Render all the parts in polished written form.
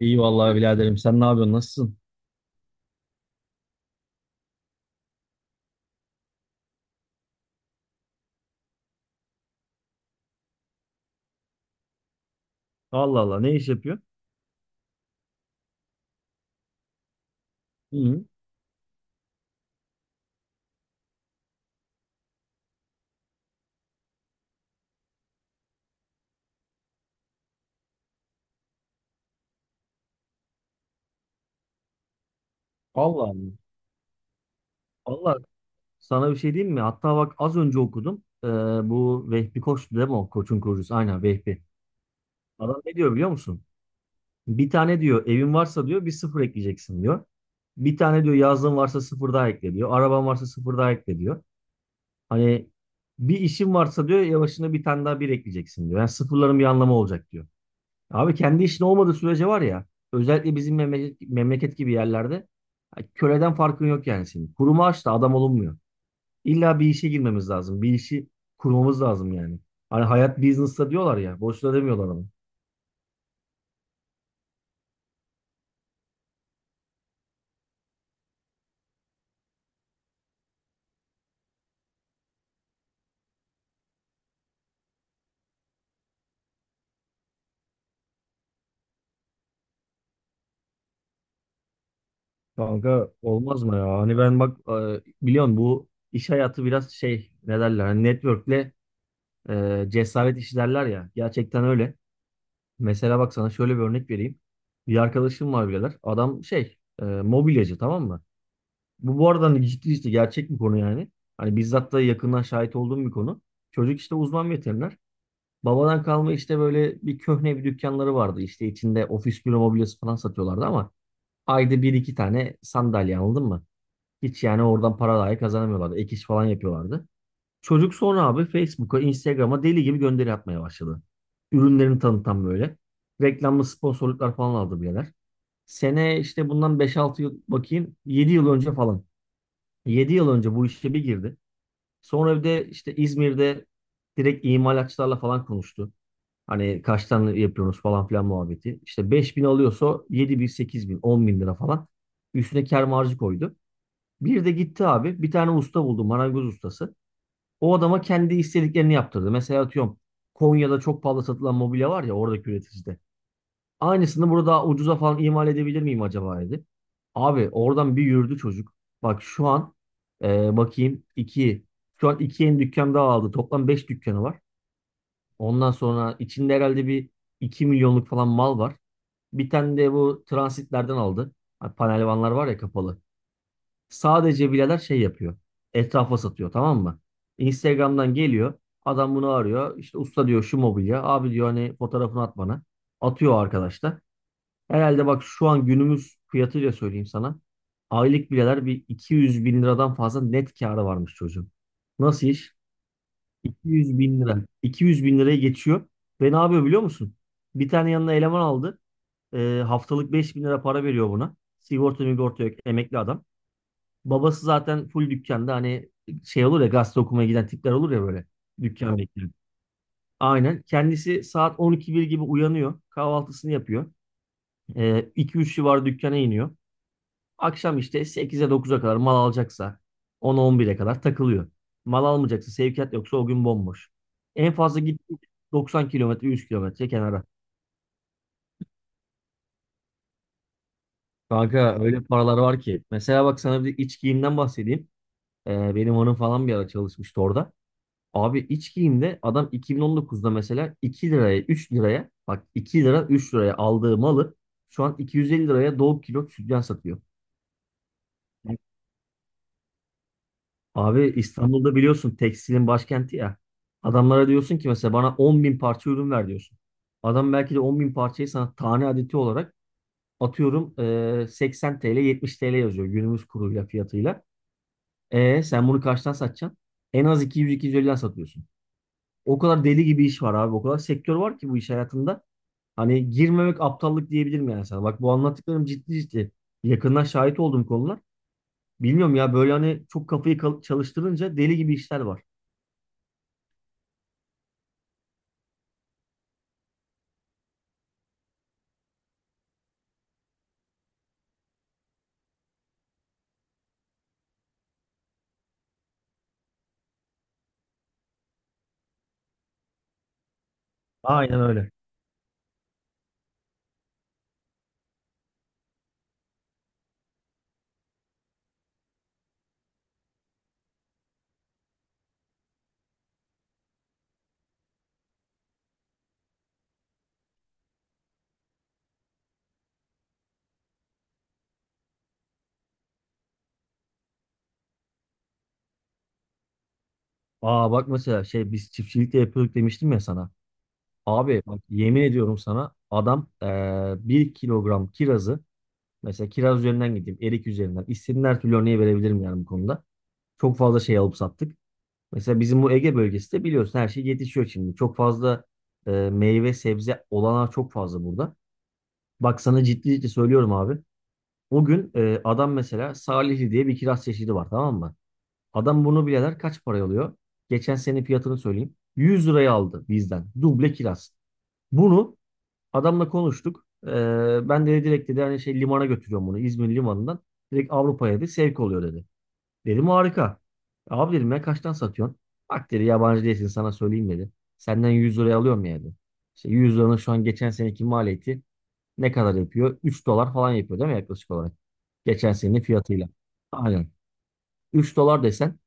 İyi vallahi biraderim. Sen ne yapıyorsun? Nasılsın? Allah Allah, ne iş yapıyor? İyi. Allah Allah. Allah, sana bir şey diyeyim mi? Hatta bak az önce okudum. Bu Vehbi Koç'tu değil mi o? Koç'un kurucusu. Aynen, Vehbi. Adam ne diyor biliyor musun? Bir tane diyor evin varsa diyor bir sıfır ekleyeceksin diyor. Bir tane diyor yazlığın varsa sıfır daha ekle diyor. Araban varsa sıfır daha ekle diyor. Hani bir işin varsa diyor yavaşına bir tane daha bir ekleyeceksin diyor. Yani sıfırların bir anlamı olacak diyor. Abi kendi işin olmadığı sürece var ya, özellikle bizim memleket, memleket gibi yerlerde, ya köleden farkın yok yani senin. Kurumu aç da adam olunmuyor. İlla bir işe girmemiz lazım. Bir işi kurmamız lazım yani. Hani hayat business'ta diyorlar ya. Boşuna demiyorlar onu. Kanka olmaz mı ya? Hani ben bak biliyorsun bu iş hayatı biraz şey, ne derler hani, network'le cesaret işi derler ya. Gerçekten öyle. Mesela bak sana şöyle bir örnek vereyim. Bir arkadaşım var birader. Adam şey mobilyacı, tamam mı? Bu arada hani ciddi işte, gerçek bir konu yani. Hani bizzat da yakından şahit olduğum bir konu. Çocuk işte uzman veteriner. Babadan kalma işte böyle bir köhne bir dükkanları vardı. İşte içinde ofis büro mobilyası falan satıyorlardı ama ayda bir iki tane sandalye, anladın mı? Hiç yani, oradan para dahi kazanamıyorlardı. Ek iş falan yapıyorlardı. Çocuk sonra abi Facebook'a, Instagram'a deli gibi gönderi atmaya başladı. Ürünlerini tanıtan böyle. Reklamlı sponsorluklar falan aldı birader. Sene işte bundan 5-6 yıl, bakayım, 7 yıl önce falan. 7 yıl önce bu işe bir girdi. Sonra bir de işte İzmir'de direkt imalatçılarla falan konuştu. Hani kaç tane yapıyoruz falan filan muhabbeti. İşte 5 bin alıyorsa 7 bin, 8 bin, 10 bin lira falan. Üstüne kâr marjı koydu. Bir de gitti abi bir tane usta buldu, marangoz ustası. O adama kendi istediklerini yaptırdı. Mesela atıyorum, Konya'da çok pahalı satılan mobilya var ya, oradaki üreticide. Aynısını burada daha ucuza falan imal edebilir miyim acaba dedi. Abi oradan bir yürüdü çocuk. Bak şu an, e, bakayım 2 Şu an 2 yeni dükkan daha aldı. Toplam 5 dükkanı var. Ondan sonra içinde herhalde bir 2 milyonluk falan mal var. Bir tane de bu transitlerden aldı. Hani panel vanlar var ya, kapalı. Sadece bileler şey yapıyor. Etrafa satıyor, tamam mı? Instagram'dan geliyor. Adam bunu arıyor. İşte usta diyor, şu mobilya. Abi diyor hani fotoğrafını at bana. Atıyor arkadaşlar. Herhalde bak, şu an günümüz fiyatıyla söyleyeyim sana. Aylık bileler bir 200 bin liradan fazla net kârı varmış çocuğun. Nasıl iş? 200 bin lira. 200 bin liraya geçiyor. Ve ne yapıyor biliyor musun? Bir tane yanına eleman aldı. Haftalık 5 bin lira para veriyor buna. Sigorta migorta yok. Emekli adam. Babası zaten full dükkanda, hani şey olur ya, gazete okumaya giden tipler olur ya böyle. Dükkan bekliyor. Aynen. Kendisi saat 12 gibi uyanıyor. Kahvaltısını yapıyor. 2-3 civarı dükkana iniyor. Akşam işte 8'e 9'a kadar mal alacaksa 10'a 11'e kadar takılıyor. Mal almayacaksa, sevkiyat yoksa, o gün bomboş. En fazla gitti 90 kilometre, 100 kilometre kenara. Kanka öyle paralar var ki. Mesela bak sana bir iç giyimden bahsedeyim. Benim hanım falan bir ara çalışmıştı orada. Abi iç giyimde adam 2019'da mesela 2 liraya 3 liraya, bak 2 lira 3 liraya aldığı malı şu an 250 liraya Doğu Kilo sütyen satıyor. Abi İstanbul'da biliyorsun tekstilin başkenti ya. Adamlara diyorsun ki mesela bana 10 bin parça ürün ver diyorsun. Adam belki de 10 bin parçayı sana tane adeti olarak atıyorum 80 TL 70 TL yazıyor günümüz kuruyla, fiyatıyla. E sen bunu kaçtan satacaksın? En az 200-250'den satıyorsun. O kadar deli gibi iş var abi. O kadar sektör var ki bu iş hayatında. Hani girmemek aptallık diyebilirim yani sana. Bak bu anlattıklarım ciddi ciddi. Yakından şahit olduğum konular. Bilmiyorum ya, böyle hani çok kafayı çalıştırınca deli gibi işler var. Aynen öyle. Aa bak mesela şey, biz çiftçilikte de yapıyorduk demiştim ya sana. Abi bak yemin ediyorum sana, adam bir kilogram kirazı, mesela kiraz üzerinden gideyim, erik üzerinden istediğin her türlü örneği verebilirim yani bu konuda. Çok fazla şey alıp sattık. Mesela bizim bu Ege bölgesi de biliyorsun, her şey yetişiyor şimdi. Çok fazla meyve sebze olanağı çok fazla burada. Bak sana ciddi ciddi söylüyorum abi. O gün adam mesela Salihli diye bir kiraz çeşidi var, tamam mı? Adam bunu bile der, kaç paraya alıyor? Geçen sene fiyatını söyleyeyim. 100 liraya aldı bizden. Duble kiraz. Bunu adamla konuştuk. Ben de direkt, dedi, hani şey, limana götürüyorum bunu. İzmir limanından. Direkt Avrupa'ya, dedi. Sevk oluyor, dedi. Dedim harika. Abi dedim ya kaçtan satıyorsun? Bak dedi, yabancı değilsin sana söyleyeyim dedi. Senden 100 liraya alıyorum ya, dedi. İşte 100 liranın şu an geçen seneki maliyeti ne kadar yapıyor? 3 dolar falan yapıyor değil mi yaklaşık olarak? Geçen senenin fiyatıyla. Aynen. 3 dolar desen,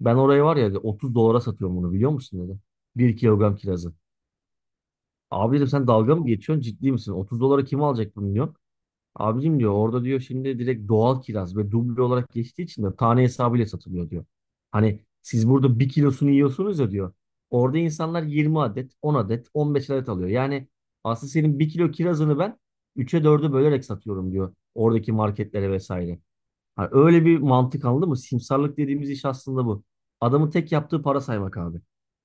ben orayı var ya dedi, 30 dolara satıyorum bunu biliyor musun dedi. 1 kilogram kirazı. Abi dedim sen dalga mı geçiyorsun, ciddi misin? 30 dolara kim alacak bunu diyor. Abicim diyor, orada diyor şimdi direkt doğal kiraz ve duble olarak geçtiği için de tane hesabıyla satılıyor diyor. Hani siz burada bir kilosunu yiyorsunuz ya diyor. Orada insanlar 20 adet, 10 adet, 15 adet alıyor. Yani aslında senin bir kilo kirazını ben 3'e 4'e bölerek satıyorum diyor. Oradaki marketlere vesaire. Hani öyle bir mantık, anladın mı? Simsarlık dediğimiz iş aslında bu. Adamın tek yaptığı para saymak abi.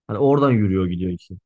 Hani oradan yürüyor gidiyor işi.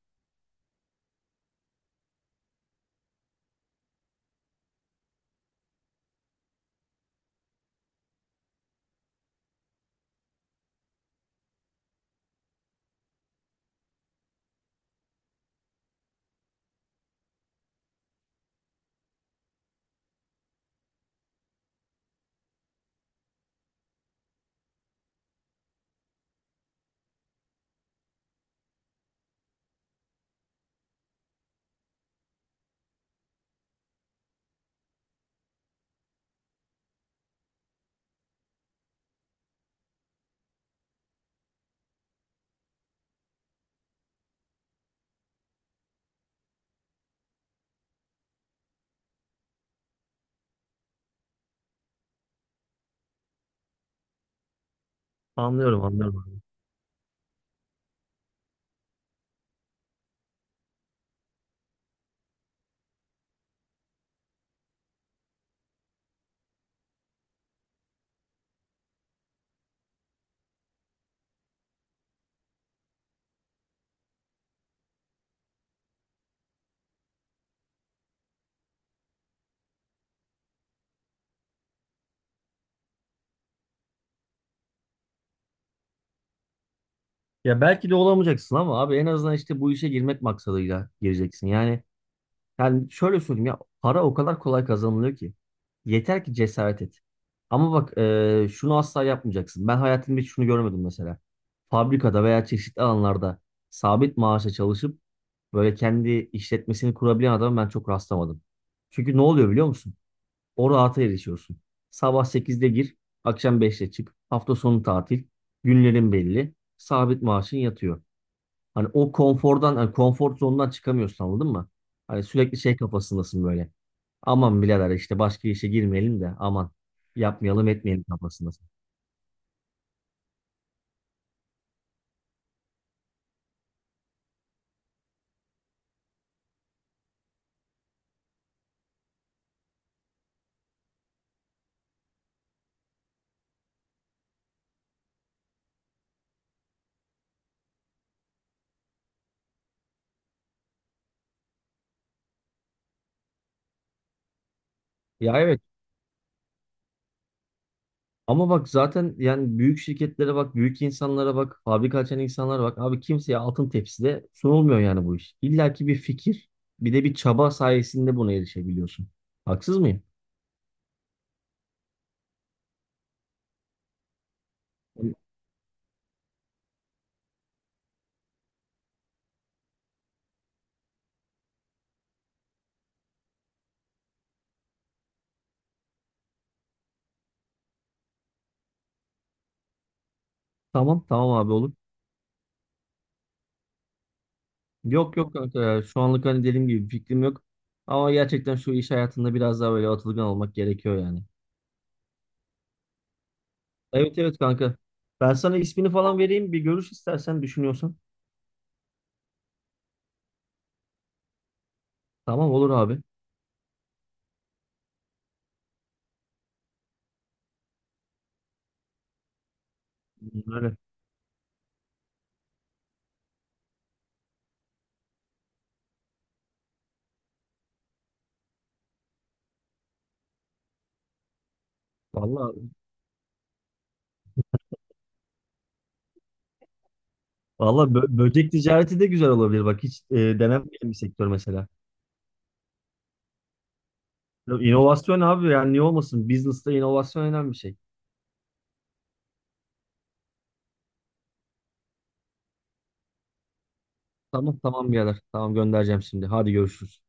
Anlıyorum, anlıyorum abi. Ya belki de olamayacaksın ama abi en azından işte bu işe girmek maksadıyla gireceksin. Yani şöyle söyleyeyim, ya para o kadar kolay kazanılıyor ki. Yeter ki cesaret et. Ama bak şunu asla yapmayacaksın. Ben hayatımda hiç şunu görmedim mesela. Fabrikada veya çeşitli alanlarda sabit maaşla çalışıp böyle kendi işletmesini kurabilen adama ben çok rastlamadım. Çünkü ne oluyor biliyor musun? O rahata erişiyorsun. Sabah 8'de gir, akşam 5'te çık. Hafta sonu tatil, günlerin belli, sabit maaşın yatıyor. Hani o konfordan, hani konfor zonundan çıkamıyorsun, anladın mı? Hani sürekli şey kafasındasın böyle. Aman birader, işte başka işe girmeyelim de, aman yapmayalım etmeyelim kafasındasın. Ya evet, ama bak zaten yani, büyük şirketlere bak, büyük insanlara bak, fabrika açan insanlara bak. Abi kimseye altın tepside sunulmuyor yani bu iş. İlla ki bir fikir, bir de bir çaba sayesinde buna erişebiliyorsun. Haksız mıyım? Tamam, tamam abi, olur. Yok, yok kanka ya. Şu anlık hani dediğim gibi bir fikrim yok. Ama gerçekten şu iş hayatında biraz daha böyle atılgan olmak gerekiyor yani. Evet, evet kanka. Ben sana ismini falan vereyim, bir görüş istersen, düşünüyorsan. Tamam, olur abi. Öyle. Vallahi, vallahi böcek ticareti de güzel olabilir, bak hiç denenmeyen bir sektör mesela. Ya, İnovasyon abi, yani niye olmasın? Business'ta inovasyon önemli bir şey. Tamam, tamam birader. Tamam, göndereceğim şimdi. Hadi görüşürüz.